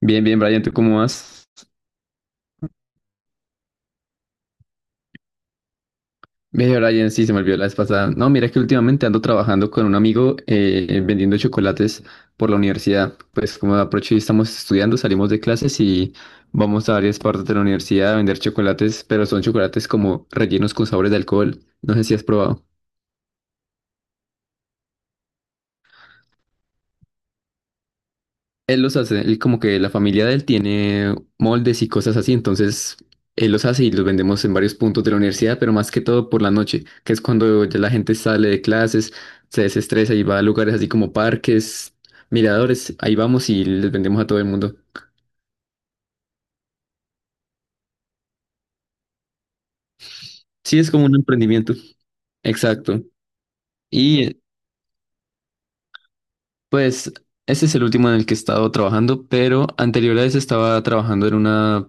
Bien, bien, Brian, ¿tú cómo vas? Ve, Brian, sí, se me olvidó la vez pasada. No, mira que últimamente ando trabajando con un amigo vendiendo chocolates por la universidad. Pues como aprovecho y estamos estudiando, salimos de clases y vamos a varias partes de la universidad a vender chocolates, pero son chocolates como rellenos con sabores de alcohol. No sé si has probado. Él los hace, él como que la familia de él tiene moldes y cosas así, entonces él los hace y los vendemos en varios puntos de la universidad, pero más que todo por la noche, que es cuando ya la gente sale de clases, se desestresa y va a lugares así como parques, miradores, ahí vamos y les vendemos a todo el mundo. Sí, es como un emprendimiento. Exacto. Y pues ese es el último en el que he estado trabajando, pero anterior a ese estaba trabajando en una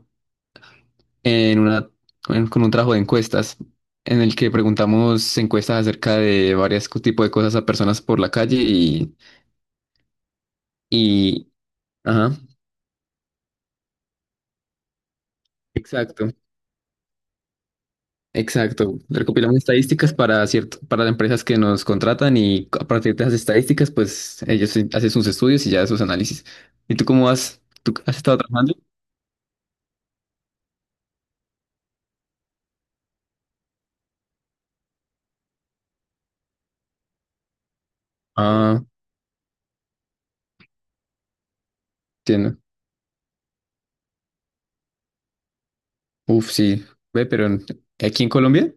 en una, con un trabajo de encuestas en el que preguntamos encuestas acerca de varios tipos de cosas a personas por la calle y ajá, exacto, exacto. Recopilamos estadísticas para cierto, para las empresas que nos contratan y a partir de esas estadísticas, pues ellos sí hacen sus estudios y ya sus análisis. ¿Y tú cómo vas? ¿Tú has estado trabajando? Ah, entiendo. Uf, sí. Ve, aquí en Colombia.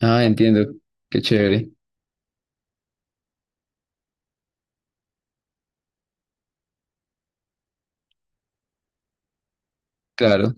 Ah, entiendo. Qué chévere. Claro.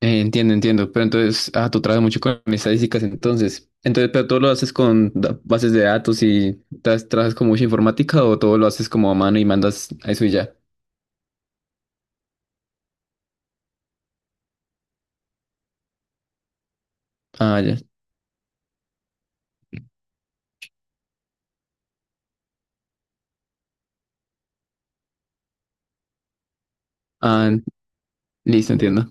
Entiendo, entiendo. Pero entonces, ah, tú trabajas mucho con estadísticas, entonces. Entonces, pero todo lo haces con bases de datos y trabajas con mucha informática o todo lo haces como a mano y mandas a eso y ya. Ah, ya. Ah, listo, entiendo.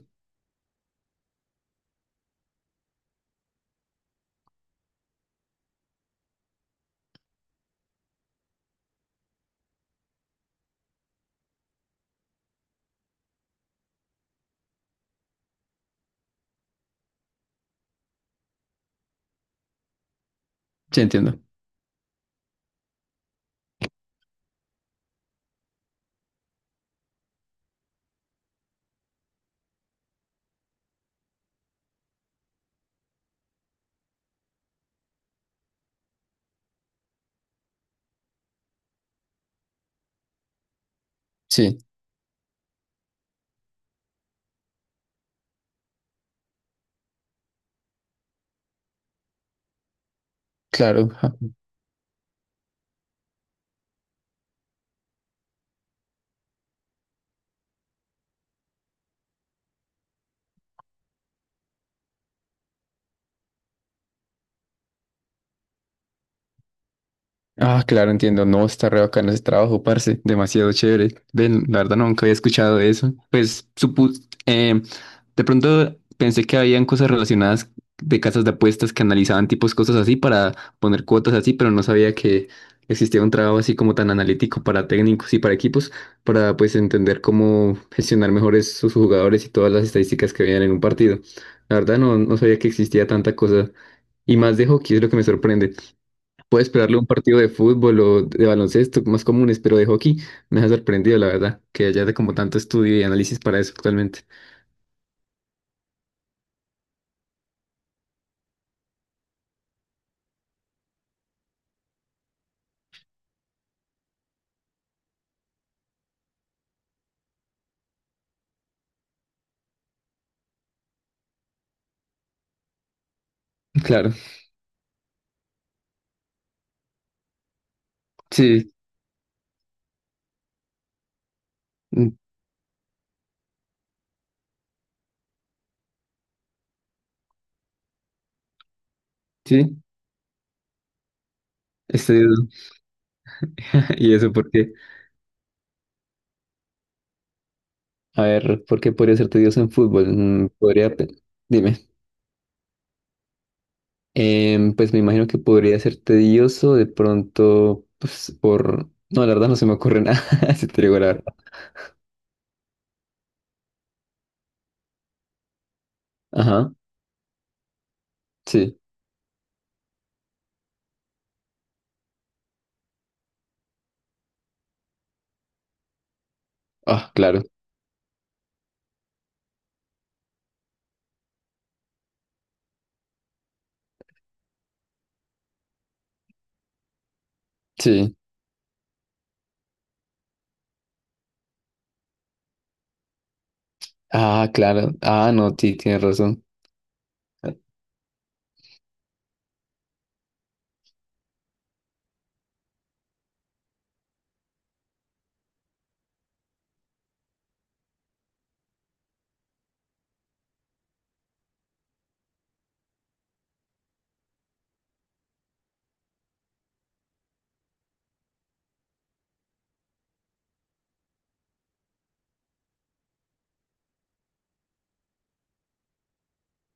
Sí, entiendo. Sí, claro. Ah, claro, entiendo. No, está re bacano ese trabajo, parce. Demasiado chévere. Ven, la verdad nunca había escuchado de eso. Pues supus, de pronto pensé que habían cosas relacionadas de casas de apuestas que analizaban tipos cosas así para poner cuotas así, pero no sabía que existía un trabajo así como tan analítico para técnicos y para equipos, para pues entender cómo gestionar mejor sus jugadores y todas las estadísticas que veían en un partido. La verdad no sabía que existía tanta cosa. Y más de hockey es lo que me sorprende. Puedes esperarle un partido de fútbol o de baloncesto, más comunes, pero de hockey me ha sorprendido, la verdad, que haya de como tanto estudio y análisis para eso actualmente. Claro, sí, mm, sí, es tedioso. ¿Y eso por qué? A ver, ¿por qué podría ser tedioso en fútbol? Mm, dime. Pues me imagino que podría ser tedioso de pronto, pues por... No, la verdad no se me ocurre nada, si te digo la verdad. Ajá, sí. Ah, claro, sí. Ah, claro. Ah, no, sí, tienes razón.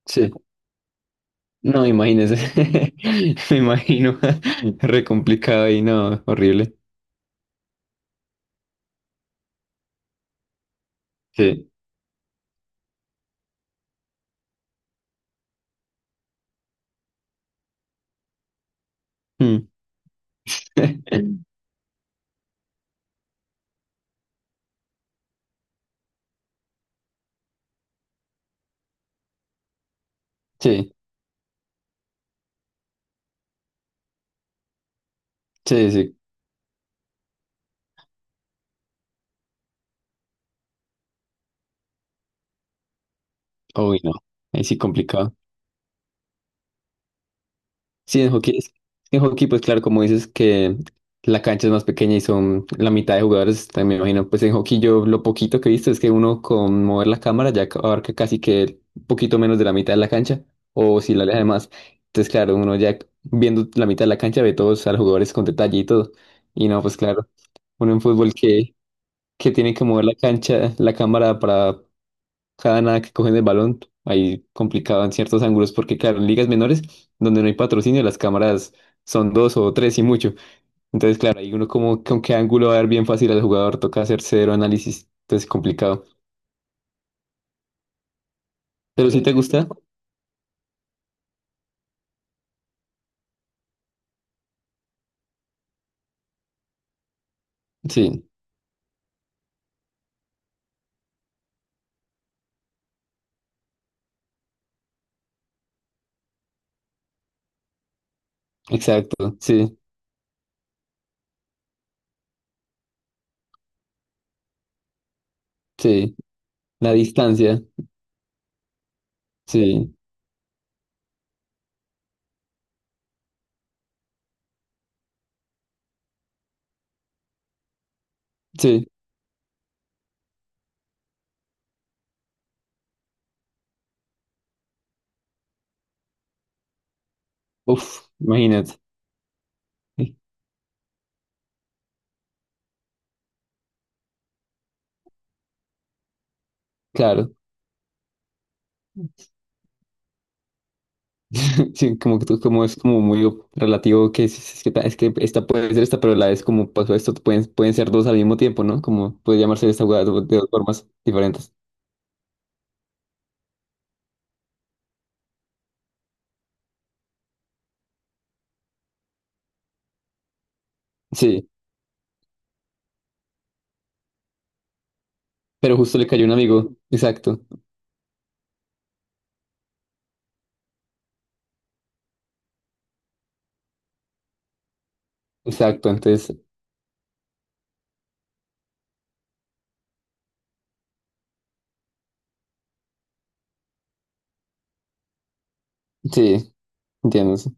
Sí. No, imagínese. Me imagino. Re complicado y no, horrible. Sí. Mm. Sí, sí, sí. Uy, no. Ahí sí complicado. Sí, en hockey, en hockey, pues claro, como dices que la cancha es más pequeña y son la mitad de jugadores, también me imagino, pues en hockey yo lo poquito que he visto es que uno con mover la cámara ya abarca casi que un poquito menos de la mitad de la cancha, o si la aleja más. Entonces, claro, uno ya viendo la mitad de la cancha ve todos a los jugadores con detalle y todo. Y no, pues claro, uno en fútbol que tiene que mover la cancha, la cámara para cada nada que cogen el balón, ahí complicado en ciertos ángulos, porque claro, en ligas menores, donde no hay patrocinio, las cámaras son dos o tres y mucho. Entonces, claro, ahí uno como con qué ángulo va a ver bien fácil al jugador, toca hacer cero análisis, entonces complicado. Pero si Sí, te gusta, sí, exacto, sí, sí, la distancia, sí, sí, uf, imagínate, sí, claro. Sí, como que como es como muy relativo que es que, es que esta puede ser esta, pero la es como pasó esto, pueden ser dos al mismo tiempo, ¿no? Como puede llamarse esta jugada de dos formas diferentes. Sí, pero justo le cayó un amigo. Exacto, exacto. Entonces, sí, entiendo. Sí.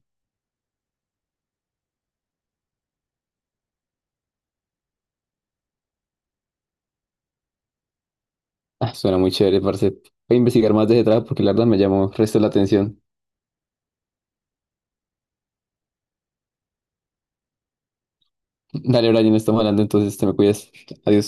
Ah, suena muy chévere, parce. Voy a investigar más de ese trabajo porque la verdad me llamó resto la atención. Dale, Brian, estamos hablando, entonces te me cuidas. Adiós.